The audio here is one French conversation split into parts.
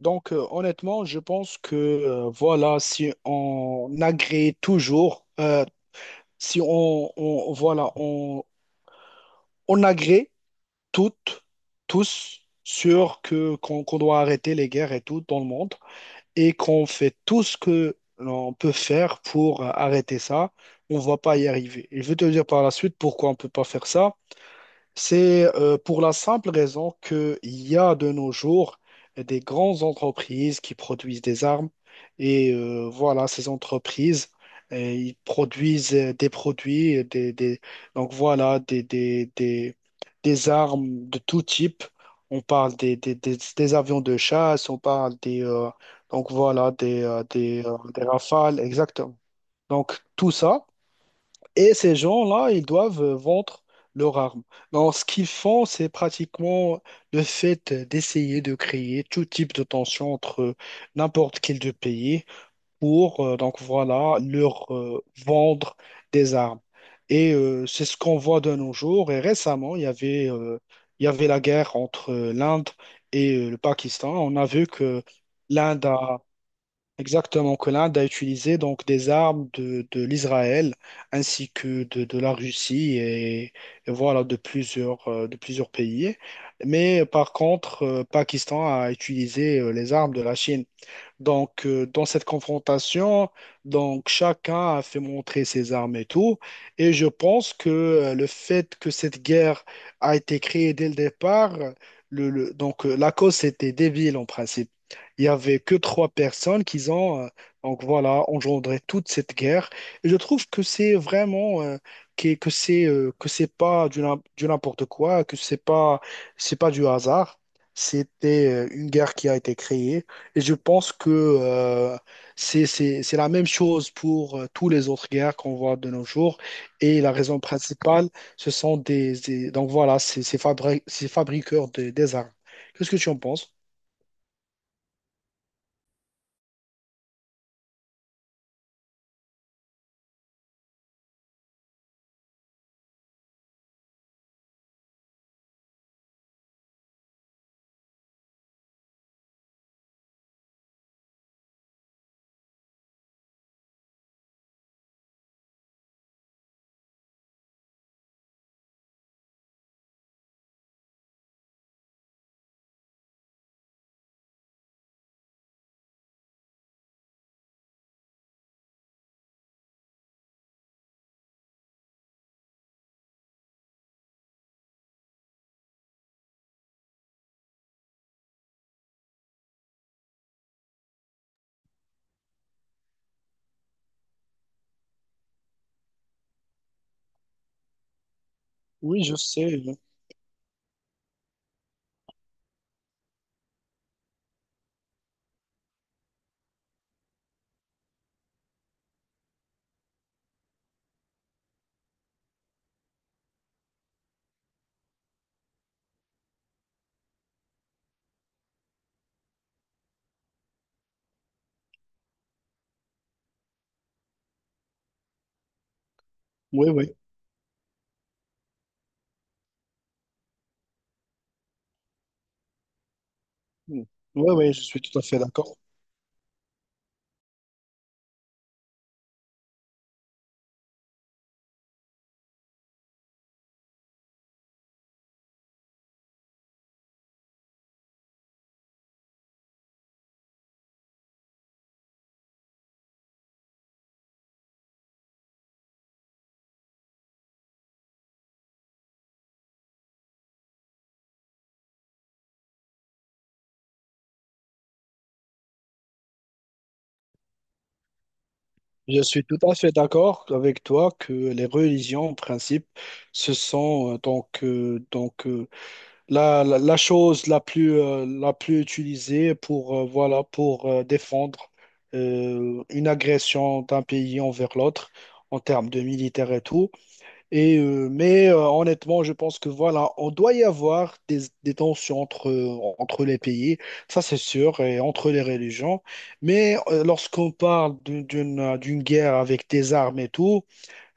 Honnêtement, je pense que voilà, si on agrée toujours, si voilà, on agrée toutes, tous sur que qu'on qu'on doit arrêter les guerres et tout dans le monde et qu'on fait tout ce que l'on peut faire pour arrêter ça, on ne va pas y arriver. Et je vais te dire par la suite pourquoi on ne peut pas faire ça. C'est pour la simple raison qu'il y a de nos jours des grandes entreprises qui produisent des armes et voilà, ces entreprises, ils produisent des produits, donc voilà, des armes de tout type. On parle des avions de chasse, on parle donc voilà, des rafales, exactement. Donc tout ça. Et ces gens-là, ils doivent vendre leurs armes. Donc, ce qu'ils font, c'est pratiquement le fait d'essayer de créer tout type de tension entre n'importe quel deux pays pour, donc voilà, leur vendre des armes. Et c'est ce qu'on voit de nos jours. Et récemment, il y avait la guerre entre l'Inde et le Pakistan. On a vu que l'Inde a exactement, que l'Inde a utilisé donc des armes de l'Israël ainsi que de la Russie et voilà de plusieurs pays. Mais par contre, Pakistan a utilisé les armes de la Chine. Donc, dans cette confrontation, donc chacun a fait montrer ses armes et tout. Et je pense que le fait que cette guerre a été créée dès le départ, donc la cause c'était débile en principe. Il y avait que trois personnes qui ont donc voilà engendré toute cette guerre. Et je trouve que c'est vraiment que c'est que c'est pas du n'importe quoi, que c'est pas. C'est pas du hasard. C'était une guerre qui a été créée et je pense que c'est la même chose pour tous les autres guerres qu'on voit de nos jours. Et la raison principale, ce sont donc voilà, ces fabriqueurs des armes. Qu'est-ce que tu en penses? Oui, je sais. Oui, oui. Oui, oui, je suis tout à fait d'accord. Je suis tout à fait d'accord avec toi que les religions, en principe, ce sont donc la, la chose la plus utilisée pour, voilà, pour défendre une agression d'un pays envers l'autre en termes de militaire et tout. Et, mais honnêtement, je pense que voilà, on doit y avoir des tensions entre, entre les pays, ça c'est sûr, et entre les religions. Mais lorsqu'on parle d'une guerre avec des armes et tout,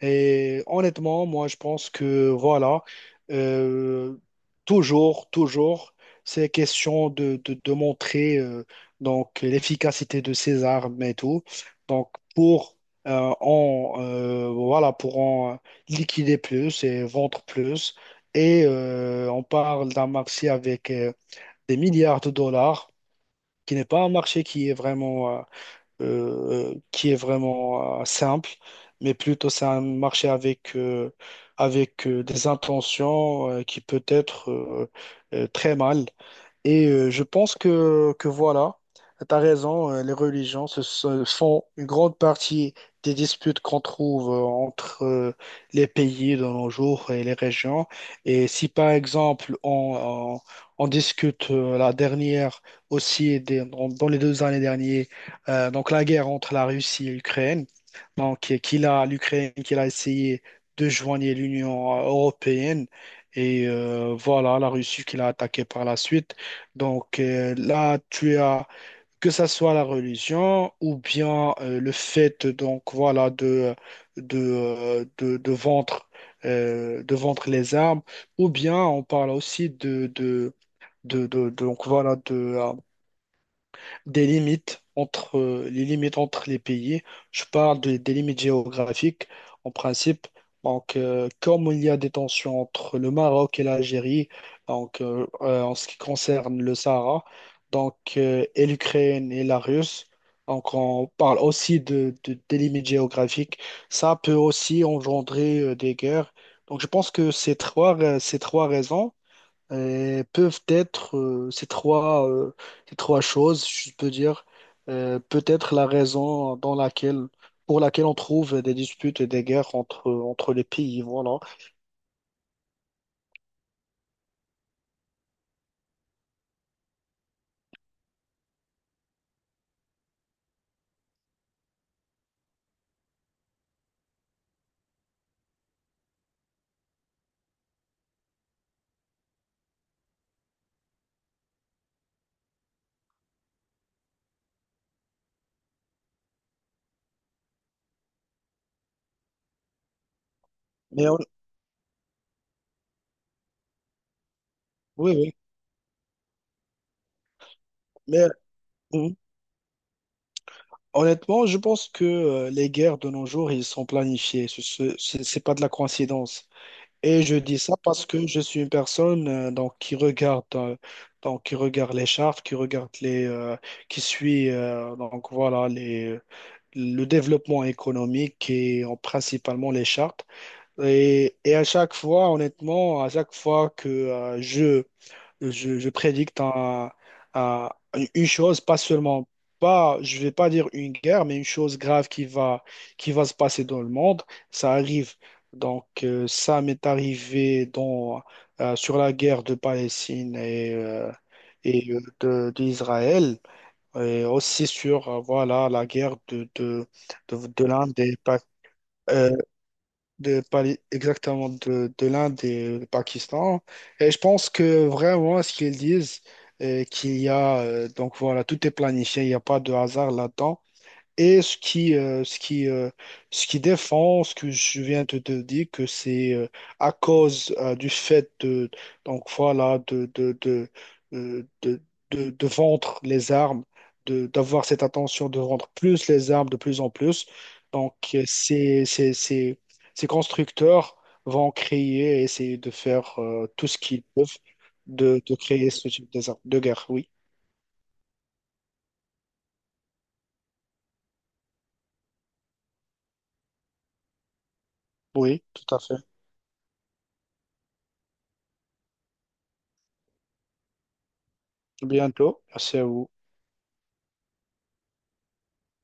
et honnêtement, moi, je pense que voilà, euh, toujours, c'est question de montrer donc l'efficacité de ces armes et tout. Donc pour en voilà pour en liquider plus et vendre plus. Et on parle d'un marché avec des milliards de dollars, qui n'est pas un marché qui est vraiment simple, mais plutôt c'est un marché avec, avec des intentions qui peut être très mal. Et je pense que voilà, tu as raison, les religions se font une grande partie des disputes qu'on trouve entre les pays de nos jours et les régions. Et si par exemple on discute la dernière aussi, dans, dans les deux années dernières, donc la guerre entre la Russie et l'Ukraine, donc et qu'il a l'Ukraine qu'il a essayé de joindre l'Union européenne. Et voilà, la Russie qui l'a attaqué par la suite. Donc là, tu as que ça soit la religion ou bien le fait donc voilà de euh, de, de vendre de vendre les armes ou bien on parle aussi donc voilà de des limites entre les limites entre les pays. Je parle des limites géographiques en principe. Donc, comme il y a des tensions entre le Maroc et l'Algérie, donc en ce qui concerne le Sahara, donc et l'Ukraine et la Russie, donc on parle aussi des limites géographiques. Ça peut aussi engendrer des guerres. Donc, je pense que ces trois raisons peuvent être ces trois choses, je peux dire, peut-être la raison dans laquelle, pour laquelle on trouve des disputes et des guerres entre, entre les pays, voilà. Mais hon- oui, oui. Mais hum, honnêtement, je pense que les guerres de nos jours, ils sont planifiés. C'est pas de la coïncidence. Et je dis ça parce que je suis une personne donc, qui regarde les chartes, qui regarde qui suit donc, voilà, le développement économique et principalement les chartes. Et à chaque fois, honnêtement, à chaque fois que je prédicte un- une chose, pas seulement, pas, je vais pas dire une guerre, mais une chose grave qui va se passer dans le monde. Ça arrive. Donc, ça m'est arrivé dans, sur la guerre de Palestine et d'Israël, et aussi sur, voilà, la guerre de l'Inde et pas exactement de l'Inde et du Pakistan. Et je pense que vraiment, ce qu'ils disent, qu'il y a, donc voilà, tout est planifié, il n'y a pas de hasard là-dedans. Et ce qui défend, ce que je viens de te dire, que c'est à cause du fait de, donc voilà, euh, de, de vendre les armes, de, d'avoir cette attention de vendre plus les armes de plus en plus. Donc, ces constructeurs vont créer et essayer de faire tout ce qu'ils peuvent de créer ce type d'armes de guerre. Oui, oui, tout à fait. Bientôt. Merci à vous.